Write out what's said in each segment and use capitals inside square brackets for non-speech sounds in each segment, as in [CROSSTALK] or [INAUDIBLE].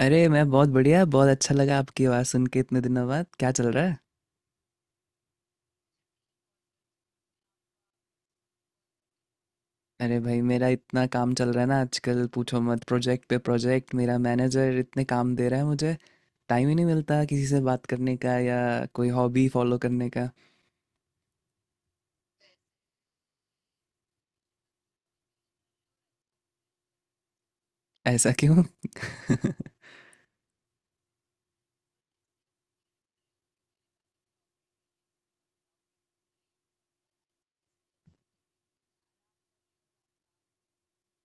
अरे मैं बहुत बढ़िया, बहुत अच्छा लगा आपकी आवाज़ सुन के इतने दिनों बाद। क्या चल रहा है? अरे भाई मेरा इतना काम चल रहा है ना आजकल, पूछो मत। प्रोजेक्ट पे प्रोजेक्ट मेरा मैनेजर इतने काम दे रहा है मुझे। टाइम ही नहीं मिलता किसी से बात करने का या कोई हॉबी फॉलो करने का। ऐसा क्यों? [LAUGHS]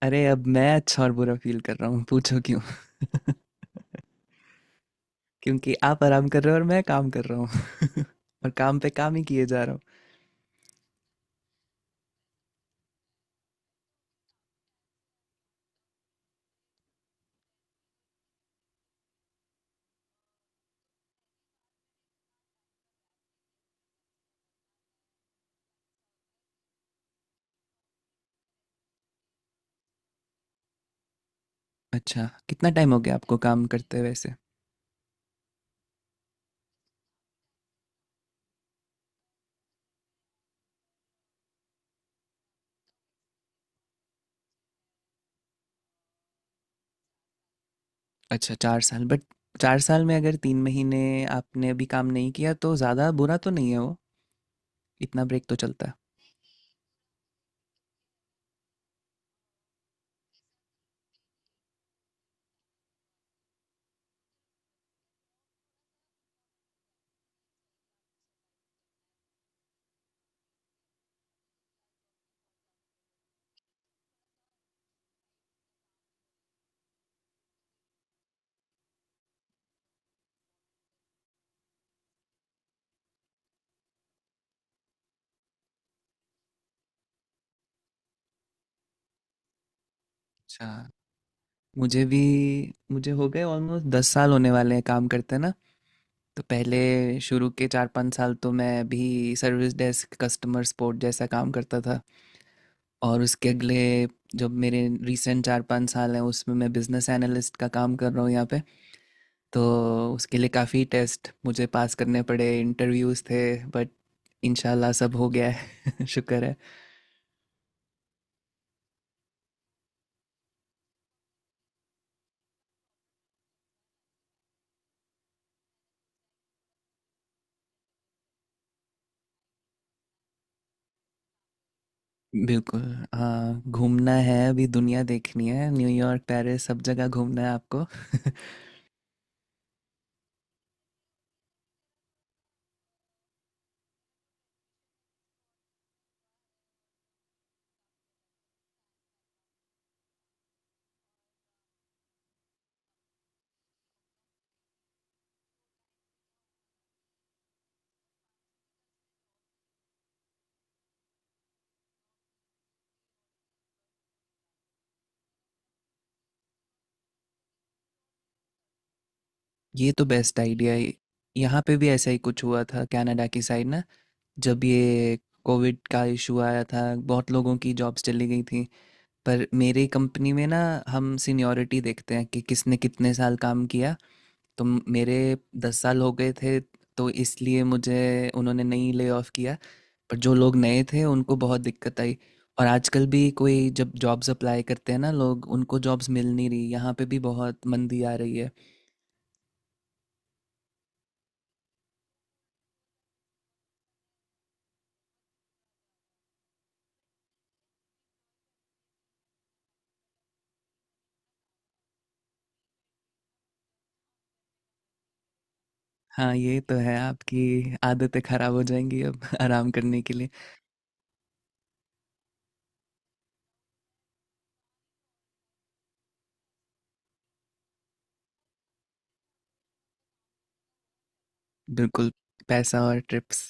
अरे अब मैं अच्छा और बुरा फील कर रहा हूँ, पूछो क्यों। [LAUGHS] क्योंकि आप आराम कर रहे हो और मैं काम कर रहा हूँ [LAUGHS] और काम पे काम ही किए जा रहा हूँ। अच्छा, कितना टाइम हो गया आपको काम करते हुए वैसे? अच्छा, 4 साल। बट 4 साल में अगर 3 महीने आपने अभी काम नहीं किया तो ज़्यादा बुरा तो नहीं है वो? इतना ब्रेक तो चलता है। अच्छा, मुझे भी, मुझे हो गए ऑलमोस्ट 10 साल होने वाले हैं काम करते ना। तो पहले शुरू के 4-5 साल तो मैं भी सर्विस डेस्क, कस्टमर सपोर्ट जैसा काम करता था। और उसके अगले, जब मेरे रिसेंट 4-5 साल हैं उसमें मैं बिजनेस एनालिस्ट का काम कर रहा हूँ यहाँ पे। तो उसके लिए काफ़ी टेस्ट मुझे पास करने पड़े, इंटरव्यूज़ थे, बट इंशाल्लाह सब हो गया है। [LAUGHS] शुक्र है। बिल्कुल। हाँ घूमना है, अभी दुनिया देखनी है, न्यूयॉर्क पेरिस सब जगह घूमना है आपको। [LAUGHS] ये तो बेस्ट आइडिया है। यहाँ पे भी ऐसा ही कुछ हुआ था कनाडा की साइड ना, जब ये कोविड का इशू आया था। बहुत लोगों की जॉब्स चली गई थी, पर मेरी कंपनी में ना हम सीनियॉरिटी देखते हैं कि किसने कितने साल काम किया। तो मेरे 10 साल हो गए थे, तो इसलिए मुझे उन्होंने नहीं ले ऑफ किया। पर जो लोग नए थे उनको बहुत दिक्कत आई। और आजकल भी कोई जब जॉब्स अप्लाई करते हैं ना लोग, उनको जॉब्स मिल नहीं रही, यहाँ पे भी बहुत मंदी आ रही है। हाँ ये तो है, आपकी आदतें खराब हो जाएंगी अब [LAUGHS] आराम करने के लिए। बिल्कुल। पैसा और ट्रिप्स।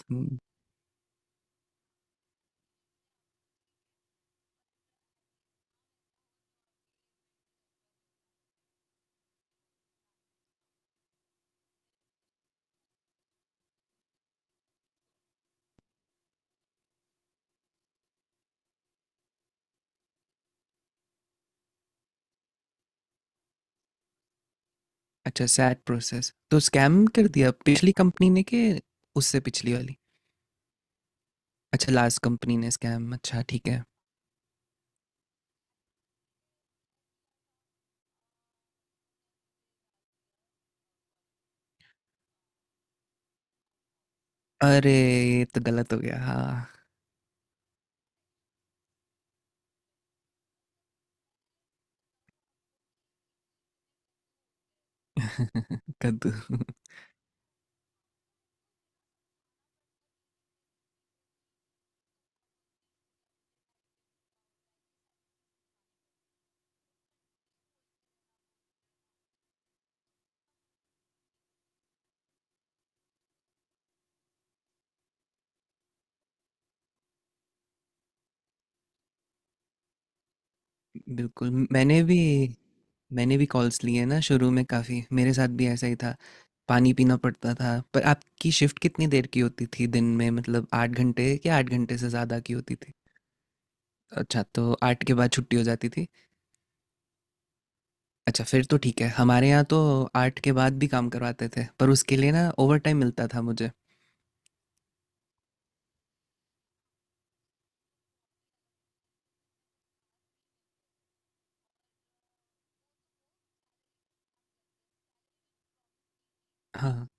अच्छा, सैड प्रोसेस तो स्कैम कर दिया पिछली कंपनी ने कि? उससे पिछली वाली? अच्छा, लास्ट कंपनी ने स्कैम, अच्छा ठीक है। अरे ये तो गलत हो गया, हाँ। [LAUGHS] कद्दू? बिल्कुल, मैंने भी, मैंने भी कॉल्स लिए ना शुरू में काफ़ी, मेरे साथ भी ऐसा ही था। पानी पीना पड़ता था। पर आपकी शिफ्ट कितनी देर की होती थी दिन में, मतलब 8 घंटे या 8 घंटे से ज़्यादा की होती थी? अच्छा, तो 8 के बाद छुट्टी हो जाती थी। अच्छा, फिर तो ठीक है। हमारे यहाँ तो 8 के बाद भी काम करवाते थे, पर उसके लिए ना ओवरटाइम मिलता था मुझे। हाँ।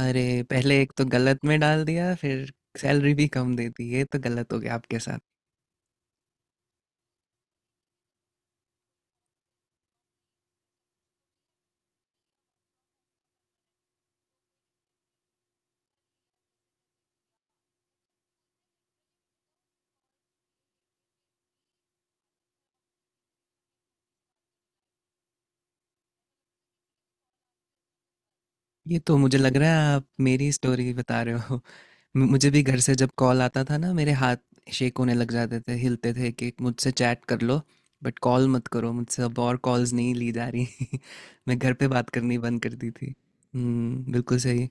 अरे! पहले एक तो गलत में डाल दिया, फिर सैलरी भी कम दे दी। ये तो गलत हो गया आपके साथ। ये तो मुझे लग रहा है आप मेरी स्टोरी बता रहे हो। मु मुझे भी घर से जब कॉल आता था ना, मेरे हाथ शेक होने लग जाते थे, हिलते थे कि मुझसे चैट कर लो, बट कॉल मत करो मुझसे, अब और कॉल्स नहीं ली जा रही। [LAUGHS] मैं घर पे बात करनी बंद कर दी थी। हुँ, बिल्कुल सही।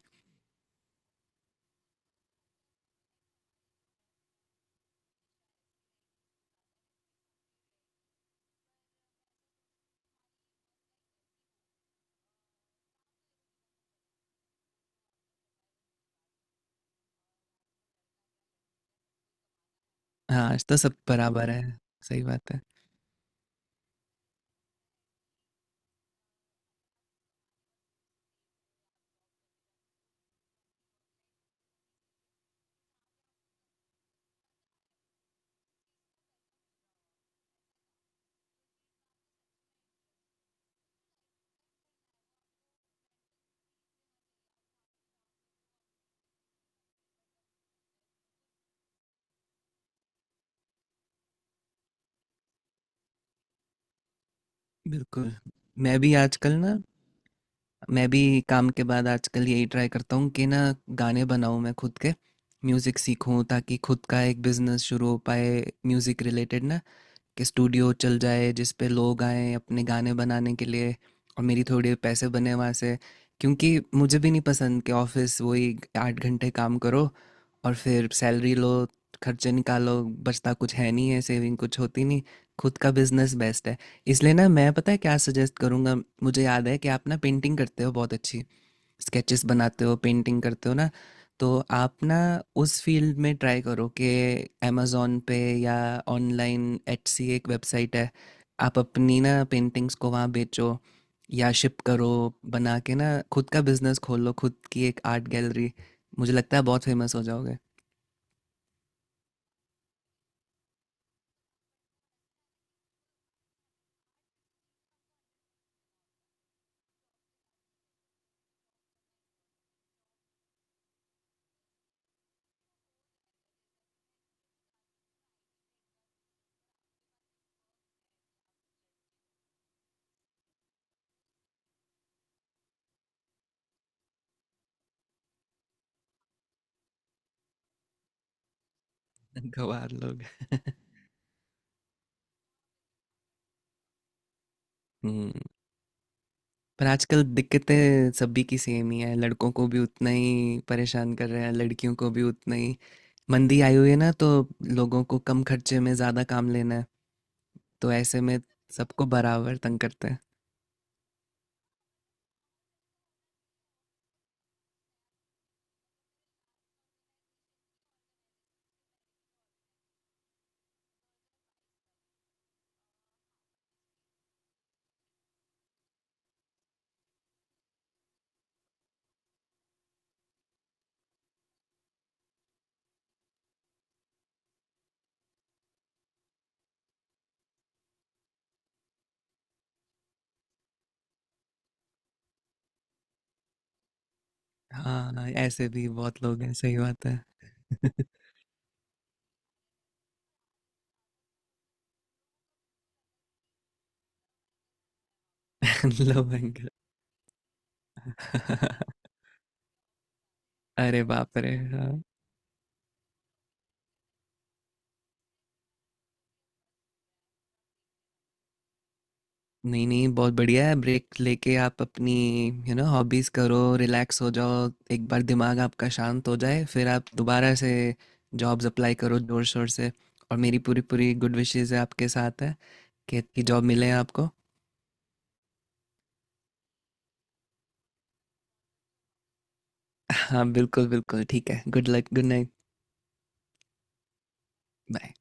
हाँ आज तो सब बराबर है। सही बात है। बिल्कुल। मैं भी आजकल ना, मैं भी काम के बाद आजकल यही ट्राई करता हूँ कि ना गाने बनाऊँ मैं खुद के, म्यूज़िक सीखूँ ताकि खुद का एक बिजनेस शुरू हो पाए म्यूज़िक रिलेटेड ना, कि स्टूडियो चल जाए जिस पे लोग आए अपने गाने बनाने के लिए, और मेरी थोड़े पैसे बने वहाँ से। क्योंकि मुझे भी नहीं पसंद कि ऑफिस वही 8 घंटे काम करो और फिर सैलरी लो, खर्चे निकालो, बचता कुछ है नहीं है, सेविंग कुछ होती नहीं। खुद का बिजनेस बेस्ट है। इसलिए ना मैं, पता है क्या सजेस्ट करूँगा? मुझे याद है कि आप ना पेंटिंग करते हो बहुत अच्छी, स्केचेस बनाते हो, पेंटिंग करते हो ना। तो आप ना उस फील्ड में ट्राई करो कि अमेज़न पे या ऑनलाइन, एटसी एक वेबसाइट है, आप अपनी ना पेंटिंग्स को वहाँ बेचो या शिप करो। बना के ना खुद का बिजनेस खोलो, खुद की एक आर्ट गैलरी। मुझे लगता है बहुत फेमस हो जाओगे। [LAUGHS] गंवार लोग। [LAUGHS] हम्म। पर आजकल दिक्कतें सभी की सेम ही है, लड़कों को भी उतना ही परेशान कर रहे हैं, लड़कियों को भी उतना ही। मंदी आई हुई है ना, तो लोगों को कम खर्चे में ज़्यादा काम लेना है। तो ऐसे में सबको बराबर तंग करते हैं। हाँ ऐसे भी बहुत लोग हैं, सही बात है। [LAUGHS] Love angle? [LAUGHS] अरे बाप रे, हाँ। नहीं नहीं बहुत बढ़िया है, ब्रेक लेके आप अपनी यू नो हॉबीज करो, रिलैक्स हो जाओ, एक बार दिमाग आपका शांत हो जाए फिर आप दोबारा से जॉब्स अप्लाई करो जोर शोर से। और मेरी पूरी पूरी गुड विशेज है आपके साथ है कि जॉब मिले आपको। हाँ बिल्कुल बिल्कुल ठीक है। Good luck, good night. Bye.